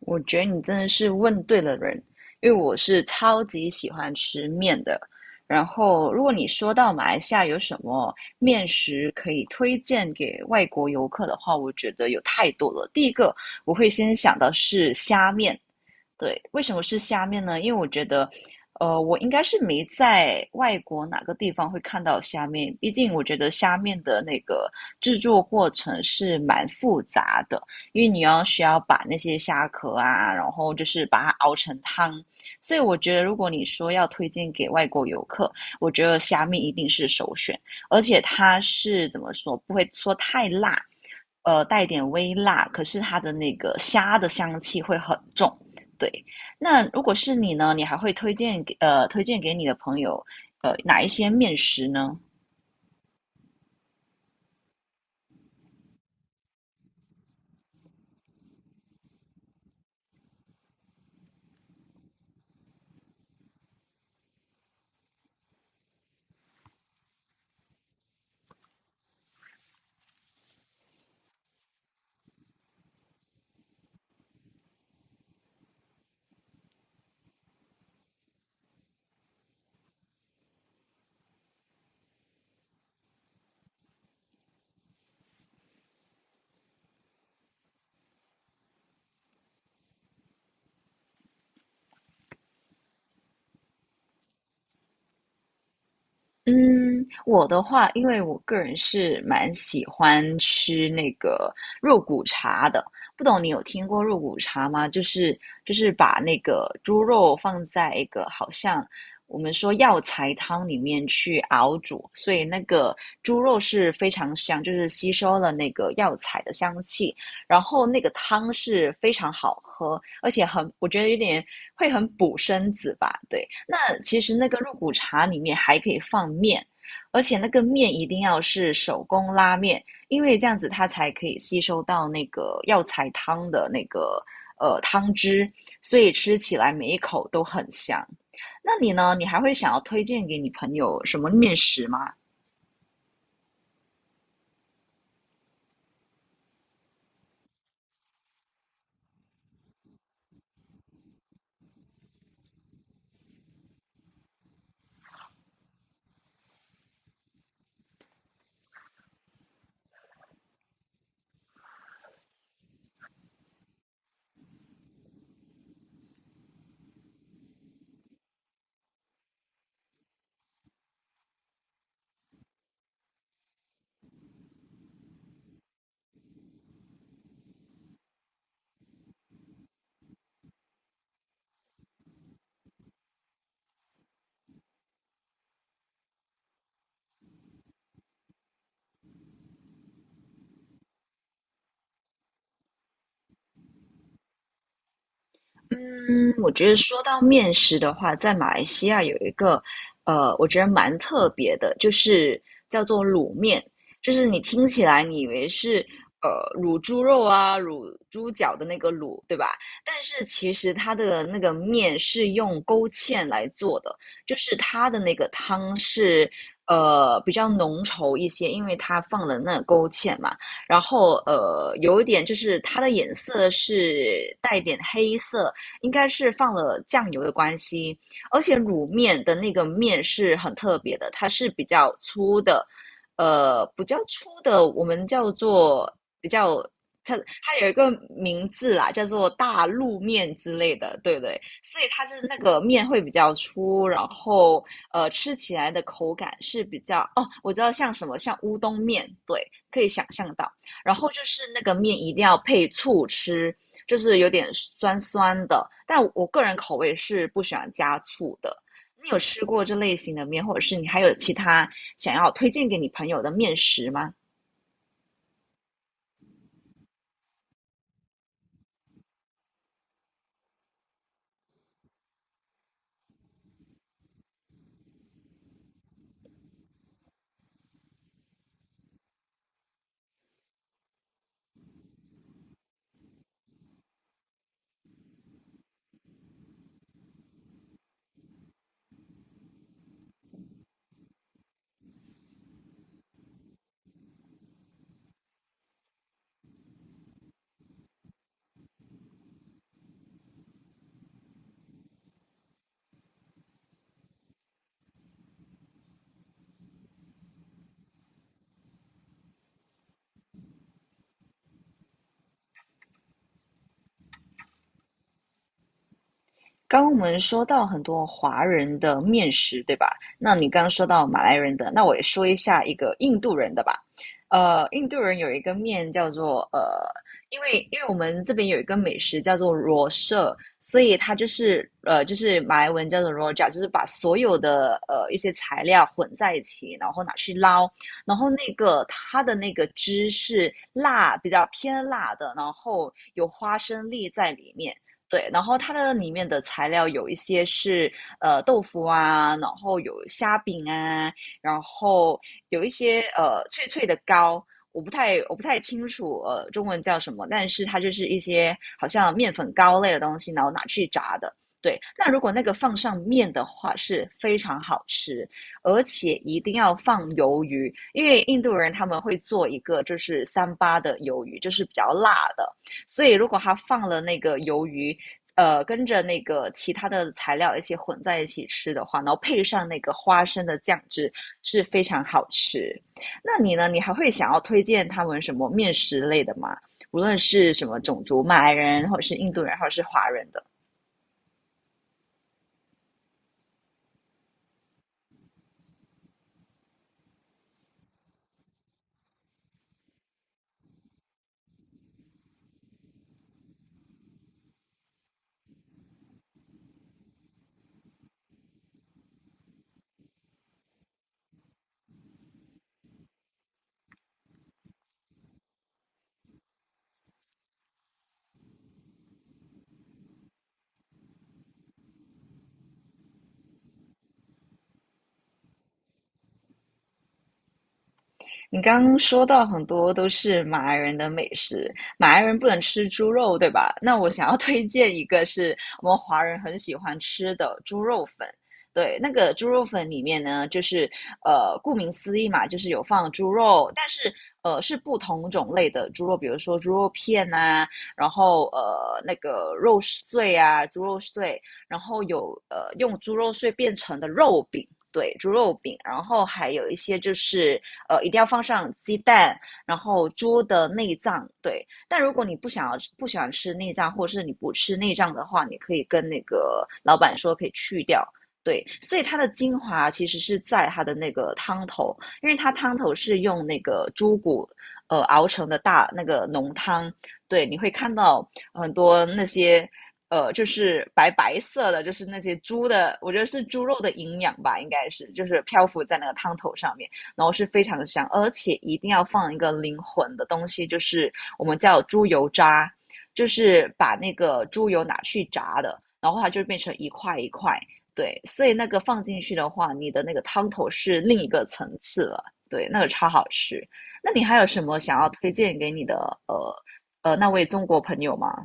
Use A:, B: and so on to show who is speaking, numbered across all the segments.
A: 我觉得你真的是问对了人，因为我是超级喜欢吃面的。然后，如果你说到马来西亚有什么面食可以推荐给外国游客的话，我觉得有太多了。第一个，我会先想到是虾面。对，为什么是虾面呢？因为我觉得，我应该是没在外国哪个地方会看到虾面，毕竟我觉得虾面的那个制作过程是蛮复杂的，因为你要需要把那些虾壳啊，然后就是把它熬成汤，所以我觉得如果你说要推荐给外国游客，我觉得虾面一定是首选，而且它是怎么说，不会说太辣。带点微辣，可是它的那个虾的香气会很重。对，那如果是你呢，你还会推荐给推荐给你的朋友哪一些面食呢？嗯，我的话，因为我个人是蛮喜欢吃那个肉骨茶的，不懂你有听过肉骨茶吗？就是把那个猪肉放在一个好像我们说药材汤里面去熬煮，所以那个猪肉是非常香，就是吸收了那个药材的香气，然后那个汤是非常好喝，而且很，我觉得有点会很补身子吧。对，那其实那个肉骨茶里面还可以放面，而且那个面一定要是手工拉面，因为这样子它才可以吸收到那个药材汤的那个汤汁，所以吃起来每一口都很香。那你呢？你还会想要推荐给你朋友什么面食吗？嗯，我觉得说到面食的话，在马来西亚有一个，我觉得蛮特别的，就是叫做卤面。就是你听起来你以为是卤猪肉啊、卤猪脚的那个卤，对吧？但是其实它的那个面是用勾芡来做的，就是它的那个汤是比较浓稠一些，因为它放了那个勾芡嘛。然后有一点就是它的颜色是带点黑色，应该是放了酱油的关系，而且卤面的那个面是很特别的，它是比较粗的，比较粗的，我们叫做比较。它它有一个名字啦，叫做大陆面之类的，对不对？所以它就是那个面会比较粗，然后吃起来的口感是比较哦，我知道像什么像乌冬面，对，可以想象到。然后就是那个面一定要配醋吃，就是有点酸酸的。但我个人口味是不喜欢加醋的。你有吃过这类型的面，或者是你还有其他想要推荐给你朋友的面食吗？刚刚我们说到很多华人的面食，对吧？那你刚刚说到马来人的，那我也说一下一个印度人的吧。印度人有一个面叫做因为我们这边有一个美食叫做罗舍，所以它就是就是马来文叫做罗 a， 就是把所有的一些材料混在一起，然后拿去捞，然后那个它的那个汁是辣，比较偏辣的，然后有花生粒在里面。对，然后它的里面的材料有一些是豆腐啊，然后有虾饼啊，然后有一些脆脆的糕，我不太清楚中文叫什么，但是它就是一些好像面粉糕类的东西，然后拿去炸的。对，那如果那个放上面的话是非常好吃，而且一定要放鱿鱼，因为印度人他们会做一个就是三八的鱿鱼，就是比较辣的，所以如果他放了那个鱿鱼，跟着那个其他的材料一起混在一起吃的话，然后配上那个花生的酱汁是非常好吃。那你呢？你还会想要推荐他们什么面食类的吗？无论是什么种族，马来人，或者是印度人，或者是华人的。你刚刚说到很多都是马来人的美食，马来人不能吃猪肉，对吧？那我想要推荐一个是我们华人很喜欢吃的猪肉粉。对，那个猪肉粉里面呢，就是顾名思义嘛，就是有放猪肉，但是是不同种类的猪肉，比如说猪肉片啊，然后那个肉碎啊，猪肉碎，然后有用猪肉碎变成的肉饼，对，猪肉饼，然后还有一些就是一定要放上鸡蛋，然后猪的内脏。对。但如果你不想要不喜欢吃内脏，或者是你不吃内脏的话，你可以跟那个老板说可以去掉。对，所以它的精华其实是在它的那个汤头，因为它汤头是用那个猪骨熬成的大那个浓汤，对，你会看到很多那些就是白白色的，就是那些猪的，我觉得是猪肉的营养吧，应该是就是漂浮在那个汤头上面，然后是非常香，而且一定要放一个灵魂的东西，就是我们叫猪油渣，就是把那个猪油拿去炸的，然后它就变成一块一块。对，所以那个放进去的话，你的那个汤头是另一个层次了。对，那个超好吃。那你还有什么想要推荐给你的呃那位中国朋友吗？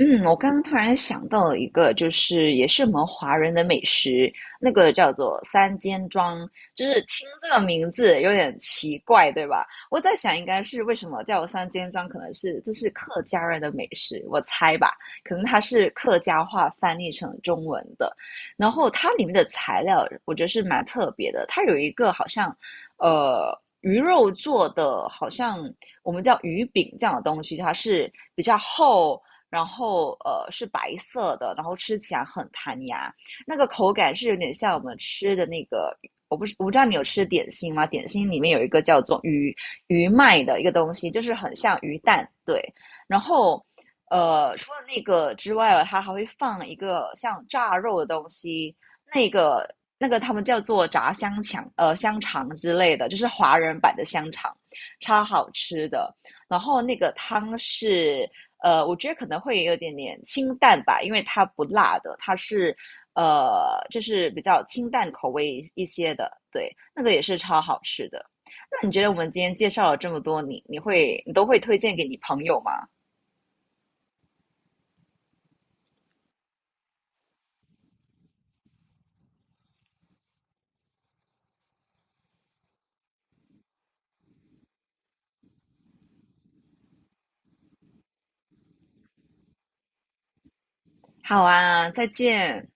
A: 嗯，我刚刚突然想到了一个，就是也是我们华人的美食，那个叫做三间庄，就是听这个名字有点奇怪，对吧？我在想，应该是为什么叫三间庄，可能是这是客家人的美食，我猜吧，可能它是客家话翻译成中文的。然后它里面的材料，我觉得是蛮特别的，它有一个好像，呃。鱼肉做的，好像我们叫鱼饼这样的东西，它是比较厚，然后是白色的，然后吃起来很弹牙，那个口感是有点像我们吃的那个，我不知道你有吃点心吗？点心里面有一个叫做鱼麦的一个东西，就是很像鱼蛋。对。然后除了那个之外，它还会放一个像炸肉的东西，那个那个他们叫做炸香肠，香肠之类的，就是华人版的香肠，超好吃的。然后那个汤是我觉得可能会有一点点清淡吧，因为它不辣的，它是就是比较清淡口味一些的，对，那个也是超好吃的。那你觉得我们今天介绍了这么多，你都会推荐给你朋友吗？好啊，再见。